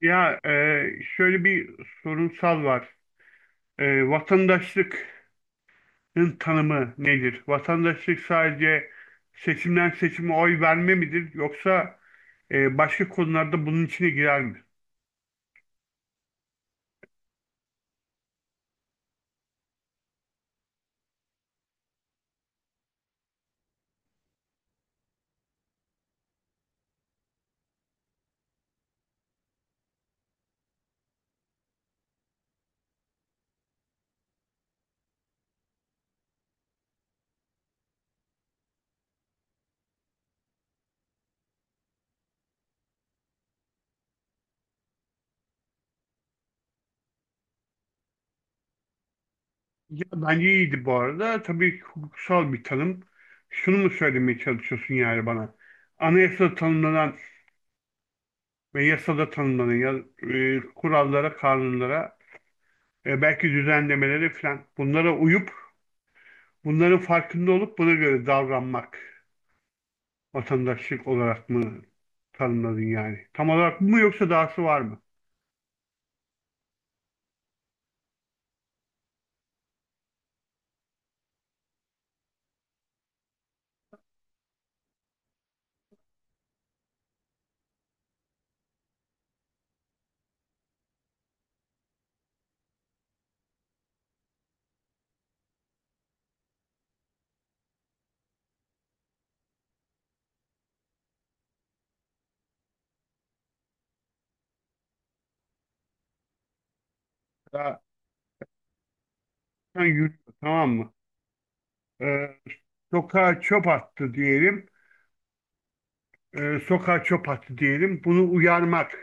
Ya e, şöyle bir sorunsal var. Vatandaşlıkın tanımı nedir? Vatandaşlık sadece seçimden seçime oy verme midir? Yoksa başka konularda bunun içine girer mi? Ya bence iyiydi bu arada. Tabii ki hukuksal bir tanım. Şunu mu söylemeye çalışıyorsun yani bana? Anayasada tanımlanan ve yasada tanımlanan ya, kurallara, kanunlara, belki düzenlemelere falan bunlara uyup bunların farkında olup buna göre davranmak vatandaşlık olarak mı tanımladın yani? Tam olarak bu mu yoksa dahası var mı? Daha sen yürü, tamam mı? E, Sokağa çöp attı diyelim. Sokağa çöp attı diyelim. Bunu uyarmak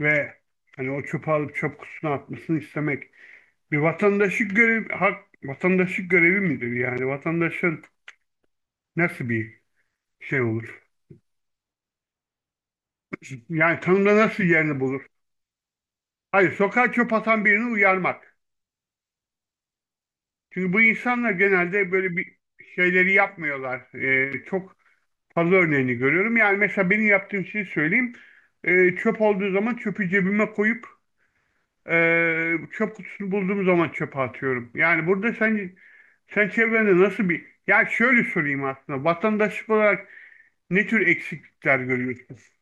ve hani o çöpü alıp çöp kutusuna atmasını istemek bir vatandaşlık görevi midir? Yani vatandaşın nasıl bir şey olur? Yani tanımda nasıl yerini bulur? Hayır, sokağa çöp atan birini uyarmak. Çünkü bu insanlar genelde böyle bir şeyleri yapmıyorlar. Çok fazla örneğini görüyorum. Yani mesela benim yaptığım şeyi söyleyeyim. Çöp olduğu zaman çöpü cebime koyup çöp kutusunu bulduğum zaman çöpe atıyorum. Yani burada sen çevrende nasıl bir... Ya şöyle sorayım aslında. Vatandaşlık olarak ne tür eksiklikler görüyorsunuz?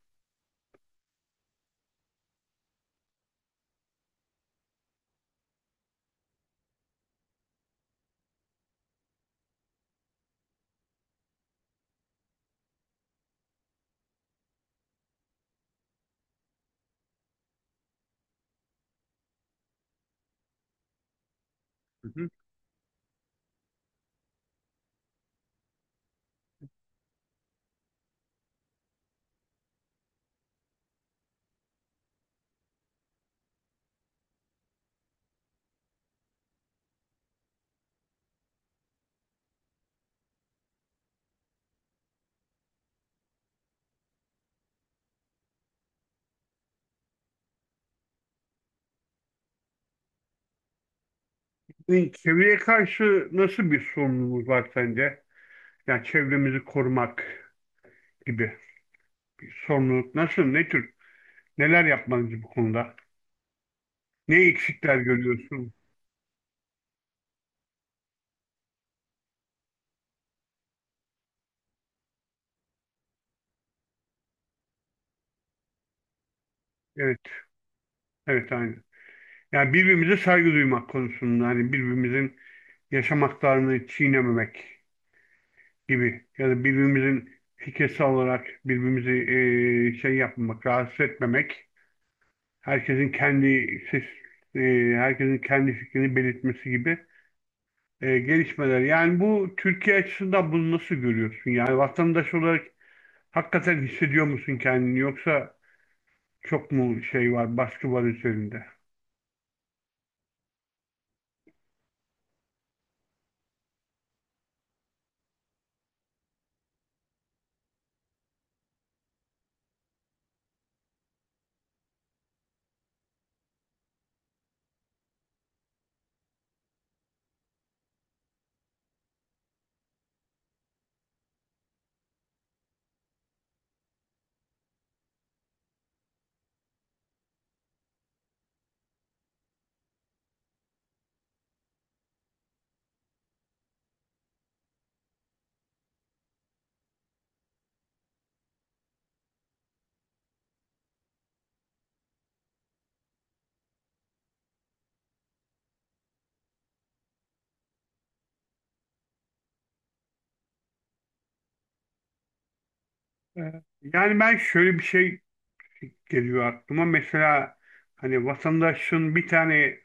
Hı hı. Yani çevreye karşı nasıl bir sorumluluğumuz var sence? Yani çevremizi korumak gibi bir sorumluluk nasıl, ne tür, neler yapmalıyız bu konuda? Ne eksikler görüyorsun? Evet, evet aynı. Yani birbirimize saygı duymak konusunda, hani birbirimizin yaşam haklarını çiğnememek gibi ya da birbirimizin fikirsel olarak birbirimizi şey yapmamak, rahatsız etmemek, herkesin kendi ses, herkesin kendi fikrini belirtmesi gibi gelişmeler. Yani bu Türkiye açısından bunu nasıl görüyorsun? Yani vatandaş olarak hakikaten hissediyor musun kendini yoksa çok mu şey var, baskı var üzerinde? E, Yani ben şöyle bir şey geliyor aklıma. Mesela hani vatandaşın bir tane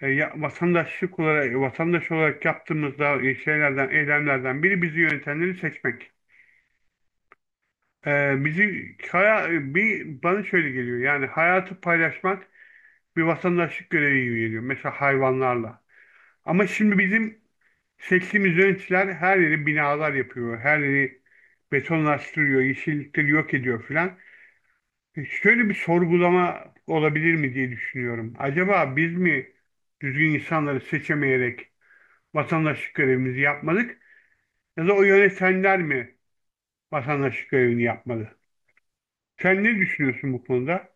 vatandaşlık olarak vatandaş olarak yaptığımızda şeylerden, eylemlerden biri bizi yönetenleri seçmek. E, bizi haya- Bir bana şöyle geliyor. Yani hayatı paylaşmak bir vatandaşlık görevi veriyor. Mesela hayvanlarla. Ama şimdi bizim seçtiğimiz yöneticiler her yeri binalar yapıyor. Her yeri betonlaştırıyor, yeşillikleri yok ediyor filan. Şöyle bir sorgulama olabilir mi diye düşünüyorum. Acaba biz mi düzgün insanları seçemeyerek vatandaşlık görevimizi yapmadık ya da o yönetenler mi vatandaşlık görevini yapmadı? Sen ne düşünüyorsun bu konuda?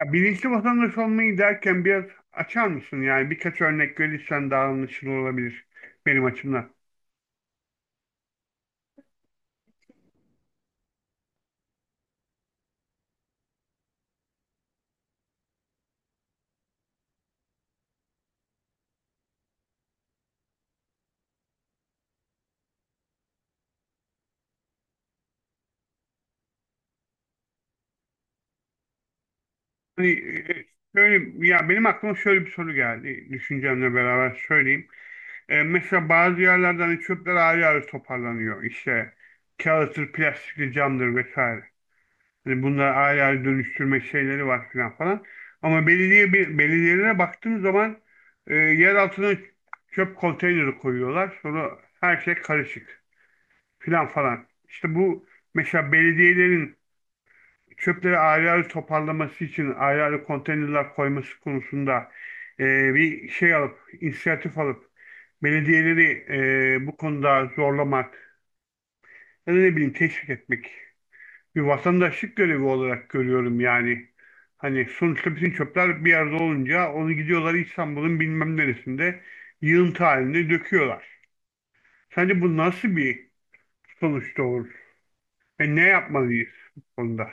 Ya bilinçli vatandaş olmayı derken biraz açar mısın? Yani birkaç örnek verirsen daha anlaşılır olabilir benim açımdan. Hani e, Ya benim aklıma şöyle bir soru geldi, düşüncemle beraber söyleyeyim. Mesela bazı yerlerden hani çöpler ayrı ayrı toparlanıyor. İşte kağıttır, plastikli camdır vesaire. Hani bunları ayrı ayrı dönüştürme şeyleri var filan falan. Ama belediyelere baktığım zaman yer altına çöp konteyneri koyuyorlar. Sonra her şey karışık filan falan. İşte bu mesela belediyelerin çöpleri ayrı ayrı toparlaması için ayrı ayrı konteynerler koyması konusunda bir şey alıp, inisiyatif alıp belediyeleri bu konuda zorlamak ya da ne bileyim teşvik etmek bir vatandaşlık görevi olarak görüyorum yani. Hani sonuçta bütün çöpler bir yerde olunca onu gidiyorlar, İstanbul'un bilmem neresinde yığıntı halinde döküyorlar. Sence bu nasıl bir sonuç doğurur? Ve ne yapmalıyız bu konuda?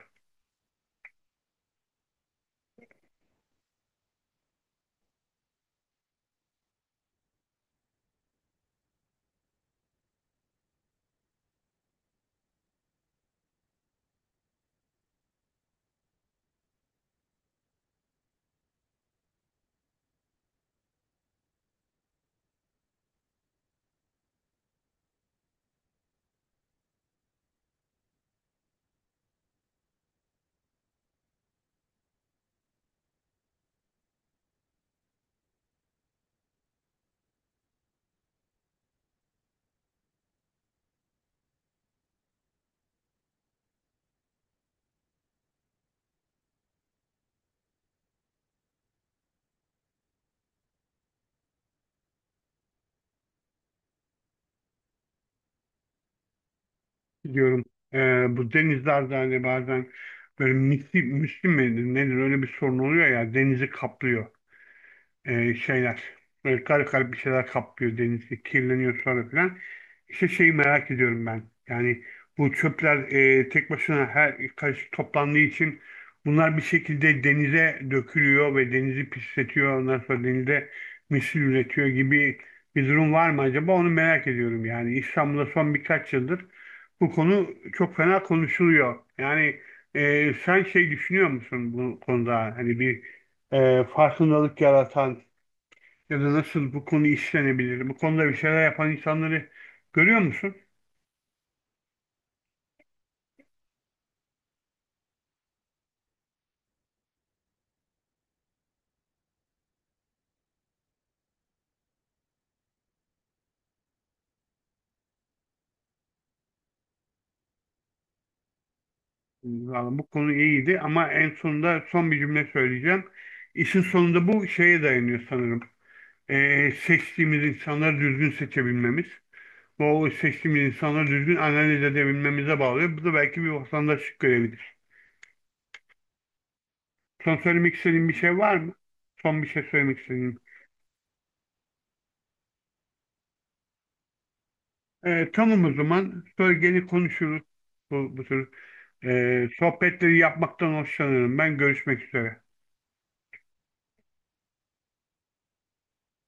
Diyorum. Bu denizlerde hani bazen böyle misli, misli midir nedir öyle bir sorun oluyor ya, denizi kaplıyor şeyler. Böyle kar kar bir şeyler kaplıyor, denizi kirleniyor sonra falan. İşte şeyi merak ediyorum ben. Yani bu çöpler tek başına her karışık toplandığı için bunlar bir şekilde denize dökülüyor ve denizi pisletiyor. Ondan sonra denize misil üretiyor gibi bir durum var mı acaba, onu merak ediyorum yani. İstanbul'da son birkaç yıldır bu konu çok fena konuşuluyor. Yani sen şey düşünüyor musun bu konuda? Hani bir farkındalık yaratan ya da nasıl bu konu işlenebilir? Bu konuda bir şeyler yapan insanları görüyor musun? Vallahi bu konu iyiydi ama en sonunda son bir cümle söyleyeceğim. İşin sonunda bu şeye dayanıyor sanırım. Seçtiğimiz insanları düzgün seçebilmemiz. Bu seçtiğimiz insanları düzgün analiz edebilmemize bağlıyor. Bu da belki bir vatandaşlık görevidir. Son söylemek istediğin bir şey var mı? Son bir şey söylemek istediğin. Tamam o zaman. Sonra gene konuşuruz. Bu tür sohbetleri yapmaktan hoşlanırım. Ben görüşmek üzere.